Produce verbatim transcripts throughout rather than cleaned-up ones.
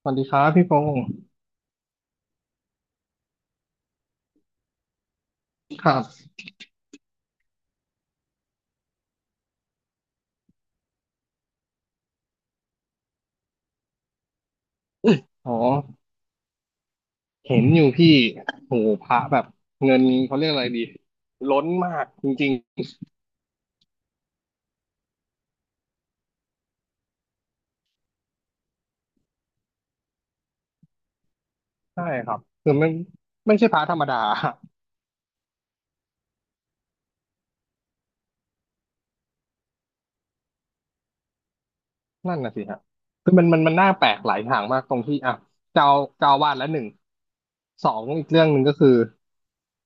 สวัสดีครับพี่พงศ์ครับ อ๋อ เห็นอยู่พี่โหพระแบบเงินเขาเรียกอะไรดีล้นมากจริงๆ ใช่ครับ คือไม่ไม่ใช่พระธรรมดา นั่นน่ะสิฮะคือมันมันมันน่าแปลกหลายอย่างมากตรงที่อ่ะเจ้าเจ้าอาวาดละหนึ่ง สองอีกเรื่องหนึ่งก็คือ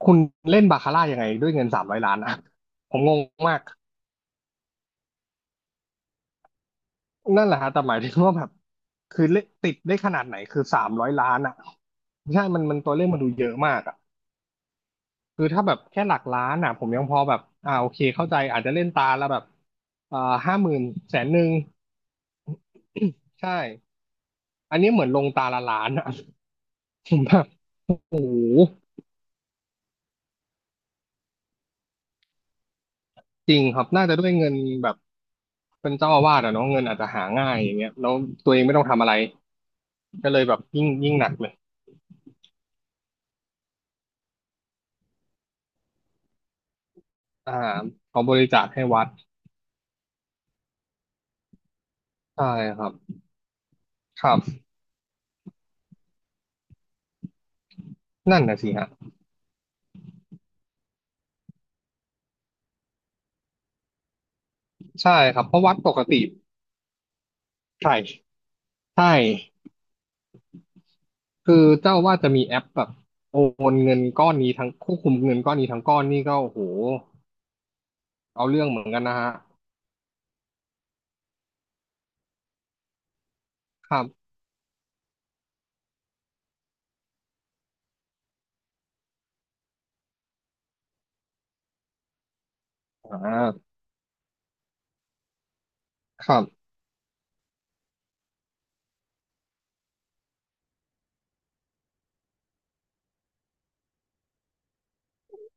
คุณเล่นบาคาร่ายังไงด้วยเงินสามร้อยล้านอ่ะ ผมงงมาก นั่นแหละฮะแต่หมายถึงว่าแบบคือเล่นติดได้ขนาดไหนคือสามร้อยล้านอ่ะใช่มันมันตัวเลขมันดูเยอะมากอ่ะ คือถ้าแบบแค่หลักล้านอ่ะผมยังพอแบบอ่าโอเคเข้าใจอาจจะเล่นตาละแบบอ่าห้าหมื่นแสนหนึ่งใช่อันนี้เหมือนลงตาละล้านอ่ะ ผมแบบโอ้โหจริงครับน่าจะด้วยเงินแบบเป็นเจ้าอาวาสอ่ะเนาะเงินอาจจะหาง่ายอย่างเงี้ยแล้วตัวเองไม่ต้องทำอะไรก็เลยแบบยิ่งยิ่งหนักเลยอ่าเขาบริจาคให้วัดใช่ครับครับนั่นนะสิฮะใช่ครับเพราะวัดปกติใช่ใช่ คือเจ้าอาว่าสจะมีแอปแบบโอนเงินก้อนนี้ทั้งควบคุมเงินก้อนนี้ทั้งก้อนนี่ก็โอ้โหเอาเรื่องเหมือนกันนะฮะครับอ่าครับ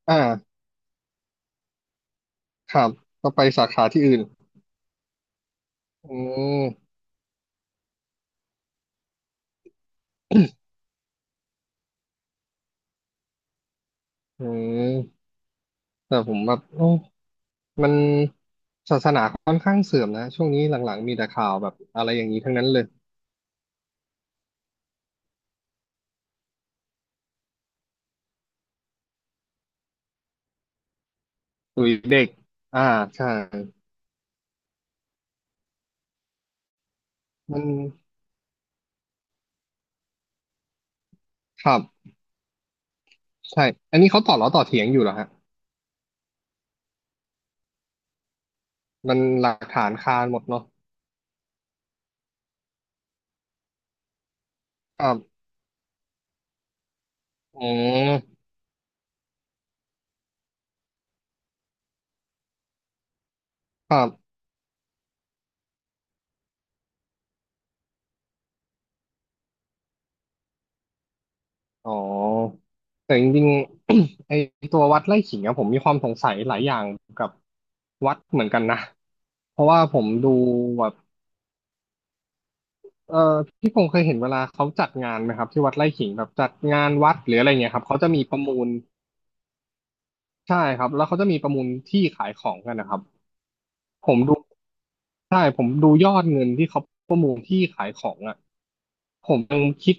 อ่าครับก็ไปสาขาที่อื่นอืมอืมแต่ผมแบบโอ้มันศาสนาค่อนข้างเสื่อมนะช่วงนี้หลังๆมีแต่ข่าวแบบอะไรอย่างนี้ทั้งนั้นเลยตุยเด็กอ่าใช่มันครับใช่อันนี้เขาต่อล้อต่อเถียงอยู่เหรอฮะมันหลักฐานคานหมดเนาะครับอืมครับ อ๋อแต่จริงๆ ไอตัววัดไร่ขิงอะผมมีความสงสัยหลายอย่างกับวัดเหมือนกันนะเพราะว่าผมดูแบบเออพี่พงษ์เคยเห็นเวลาเขาจัดงานไหมครับที่วัดไร่ขิงแบบจัดงานวัดหรืออะไรเงี้ยครับเขาจะมีประมูลใช่ครับแล้วเขาจะมีประมูลที่ขายของกันนะครับ ผมดูใช่ผมดูยอดเงินที่เขาประมูลที่ขายของอ่ะผมยังคิด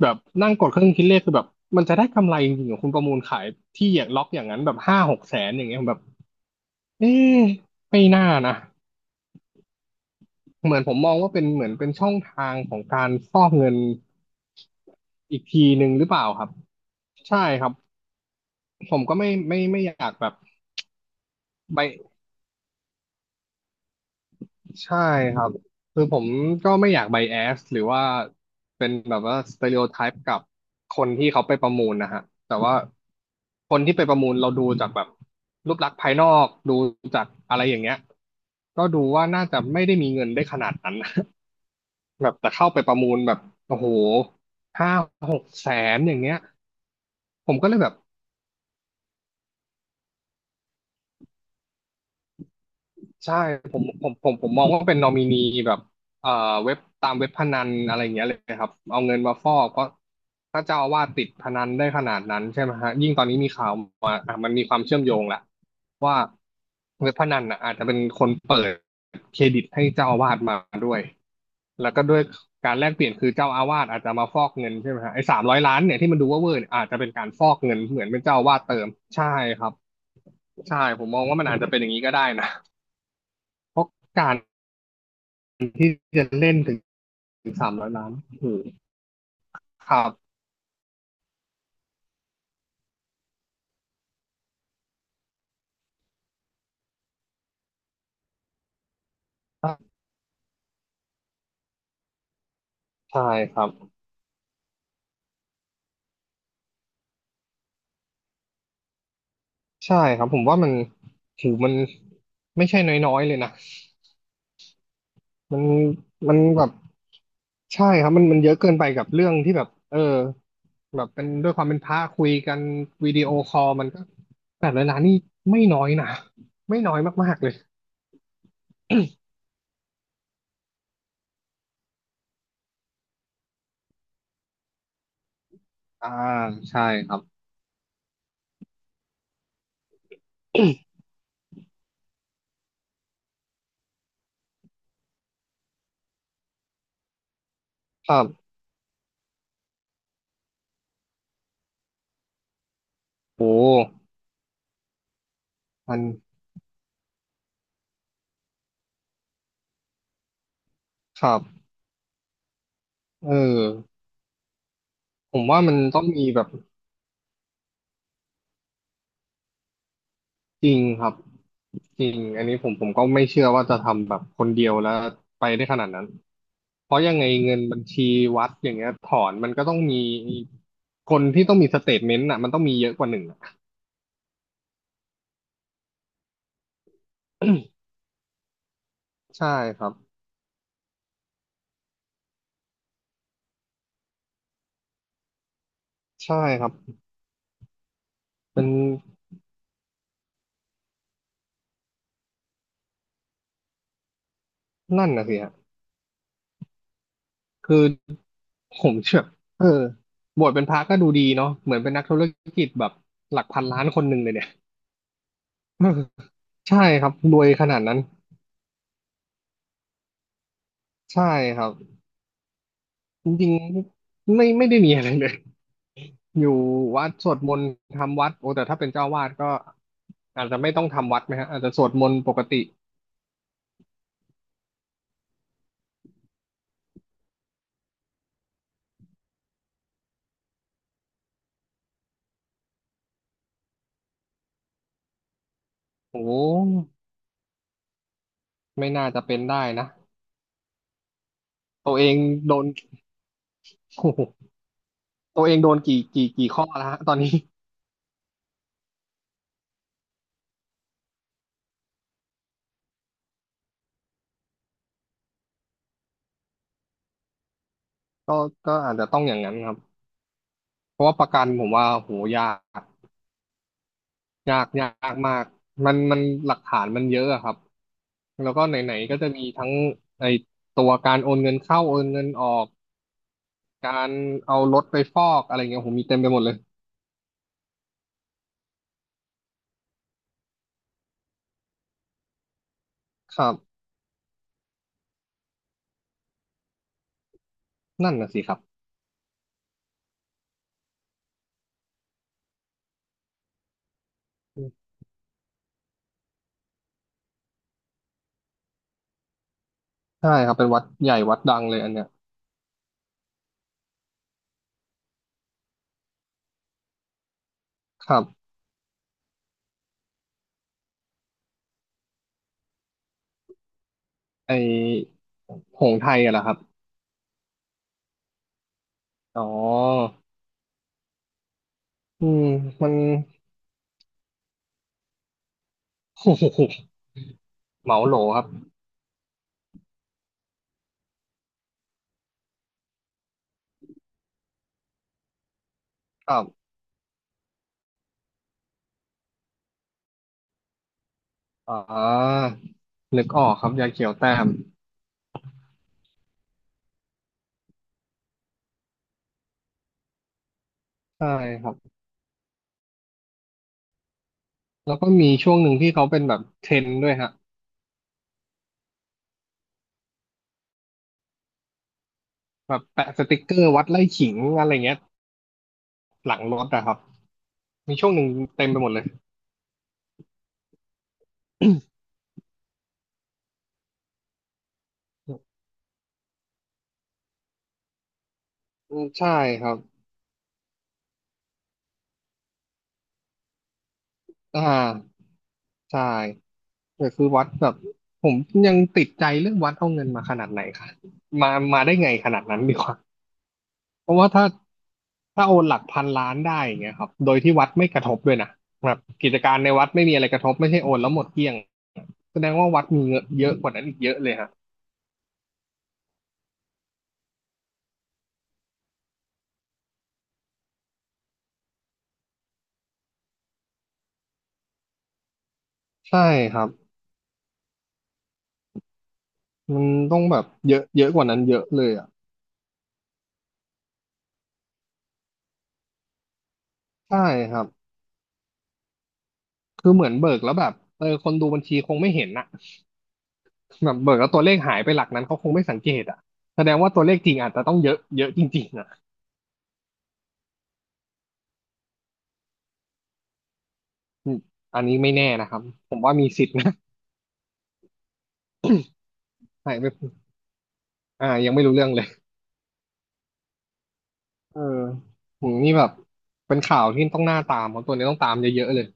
แบบนั่งกดเครื่องคิดเลขคือแบบมันจะได้กำไรจริงๆเหรอคุณประมูลขายที่อย่างล็อกอย่างนั้นแบบห้าหกแสนอย่างเงี้ยผมแบบเอ๊ะไม่น่านะเหมือนผมมองว่าเป็นเหมือนเป็นช่องทางของการฟอกเงินอีกทีหนึ่งหรือเปล่าครับใช่ครับผมก็ไม่ไม่ไม่อยากแบบไป ใช่ครับคือผมก็ไม่อยากไบแอสหรือว่าเป็นแบบว่าสเต r ร o t โอไทป์กับคนที่เขาไปประมูลนะฮะแต่ว่าคนที่ไปประมูลเราดูจากแบบรูปลักษณ์ภายนอกดูจากอะไรอย่างเงี้ยก็ดูว่าน่าจะไม่ได้มีเงินได้ขนาดนั้น แบบแต่เข้าไปประมูลแบบโอ้โหห้าหกแสนอย่างเงี้ยผมก็เลยแบบ ใช่ผมผมผมผมมองว่าเป็นนอมินีแบบเอ่อเว็บตามเว็บพนันอะไรอย่างเงี้ยเลยครับเอาเงินมาฟอกเพราะถ้าเจ้าอาวาสติดพนันได้ขนาดนั้นใช่ไหมฮะยิ่งตอนนี้มีข่าวมาอ่ะมันมีความเชื่อมโยงละว่าเว็บพนันน่ะอาจจะเป็นคนเปิดเครดิตให้เจ้าอาวาสมาด้วยแล้วก็ด้วยการแลกเปลี่ยนคือเจ้าอาวาสอาจจะมาฟอกเงินใช่ไหมฮะไอ้สามร้อยล้านเนี่ยที่มันดูว่าเวอร์เนี่ยอาจจะเป็นการฟอกเงินเหมือนเป็นเจ้าอาวาสเติมใช่ครับใช่ผมมองว่ามันอาจจะเป็นอย่างนี้ก็ได้นะ เพราะการที่จะเล่นถึงสามร้อยล้านคือครับใช่ครับใช่ครับผมว่ามันถือมันไม่ใช่น้อยๆเลยนะมันมันแบบใช่ครับมันมันเยอะเกินไปกับเรื่องที่แบบเออแบบเป็นด้วยความเป็นพระคุยกันวิดีโอคอลมันก็แปดร้อยล้านนี่ไม่น้อยนะไม่น้อยมากๆเลยอ่าใช่ครับครับโอ้มันครับเออผมว่ามันต้องมีแบบ จริงครับจริงอันนี้ผมผมก็ไม่เชื่อว่าจะทำแบบคนเดียวแล้วไปได้ขนาดนั้นเพราะยังไงเงินบัญชีวัดอย่างเงี้ยถอนมันก็ต้องมีคนที่ต้องมีสเตทเมนต์อ่ะมันต้องมีเยอะกว่าหนึ่งอะใช่ครับใช่ครับเป็นนั่นนะสิฮะคือผมเชื่อเออบวชเป็นพระก็ดูดีเนาะเหมือนเป็นนักธุรกิจแบบหลักพันล้านคนหนึ่งเลยเนี่ย ใช่ครับรวยขนาดนั้นใช่ครับจริงๆไม่ไม่ได้มีอะไรเลย อยู่วัดสวดมนต์ทำวัดโอ้แต่ถ้าเป็นเจ้าวาดก็อาจจะไม่ต้องทำวัดไหมฮะอาจจะสวดมนต์ปกติโอ้ไม่น่าจะเป็นได้นะตัวเองโดน โอ้โหตัวเองโดนกี่กี่กี่ข้อแล้วฮะตอนนี้ ก็ก็อาจจะต้องอย่างนั้นครับเพราะว่าประกันผมว่าโหยากยากยากมากมันมันหลักฐานมันเยอะอะครับแล้วก็ไหนๆก็จะมีทั้งไอตัวการโอนเงินเข้าโอนเงินออกการเอารถไปฟอกอะไรเงี้ยผมมีเต็มไปหมดเลยครับนั่นน่ะสิครับ ใช่ครับเป็นวัดใหญ่วัดดังเลยอันเนี้ยครับไอหงส์ไทยอะเหรอครับอ๋ออืมมัน โอ้โหเหมาโหลครับครับอ่านึกออกครับยาเขียวแต้มใช่ครับแล้วก็มีช่วงหนึ่งที่เขาเป็นแบบเทรนด์ด้วยฮะแบบแปะสติกเกอร์วัดไล่ขิงอะไรเงี้ยหลังรถอะครับมีช่วงหนึ่งเต็มไปหมดเลยอืมใช่ครับอ่าใช่ แต่คือวัดแบบผมยังติดใจเรื่องวัดเอาเงินมาขนาดไหนคะมามาได้ไงขนาดนั้นดีกว่าเพราะว่าถ้าถ้าโอนหลักพันล้านได้อย่างเงี้ยครับโดยที่วัดไม่กระทบด้วยนะแบบกิจการในวัดไม่มีอะไรกระทบไม่ใช่โอนแล้วหมดเกลี้ยงแสดงว่าวัดมีเงินเยอะกว่านั้นอีกเยอะเลยฮะใช่ครับมันต้องแบบเยอะเยอะกว่านั้นเยอะเลยอ่ะใช่ครับคือเหมือนเบิกแล้วแบบเออคนดูบัญชีคงไม่เห็นน่ะแบบเบิกแล้วตัวเลขหายไปหลักนั้นเขาคงไม่สังเกตอ่ะแสดงว่าตัวเลขจริงอาจจะต้องเยอะเยอะจริงๆอ่ะ อืมอันนี้ไม่แน่นะครับผมว่ามีสิทธิ์นะ ใช่ไม่อ่ายังไม่รู้เรื่องเลยเอออืมนี่แบบเป็นข่าวที่ต้องหน้าตามของตัวนี้ต้องตามเยอะๆเลย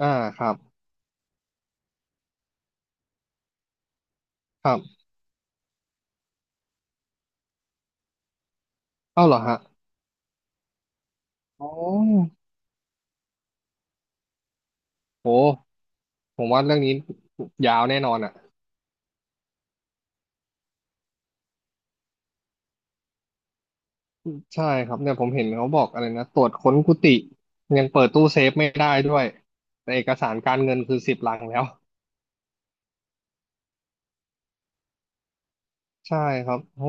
อ่าครับครับเอ้าเหรอฮะอ๋อโหผมว่าเรื่องนี้ยาวแน่นอนอ่ะใช่ครับเนี่ยผมเห็นเขาบอกอะไรนะตรวจค้นกุฏิยังเปิดตู้เซฟไม่ได้ด้วยแต่เอกสารการเงินคือสิบลังแล้วใช่ครับโอ้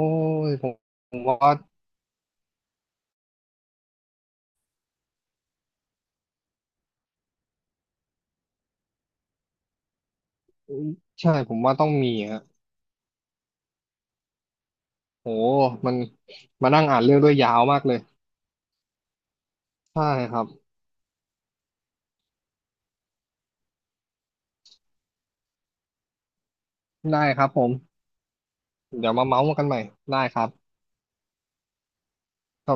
ยผมว่าใช่ผมว่าต้องมีฮะ โหมันมานั่งอ่านเรื่องด้วยยาวมากเลยใช่ครับได้ครับผมเดี๋ยวมาเมาส์กันใหม่ได้ครับ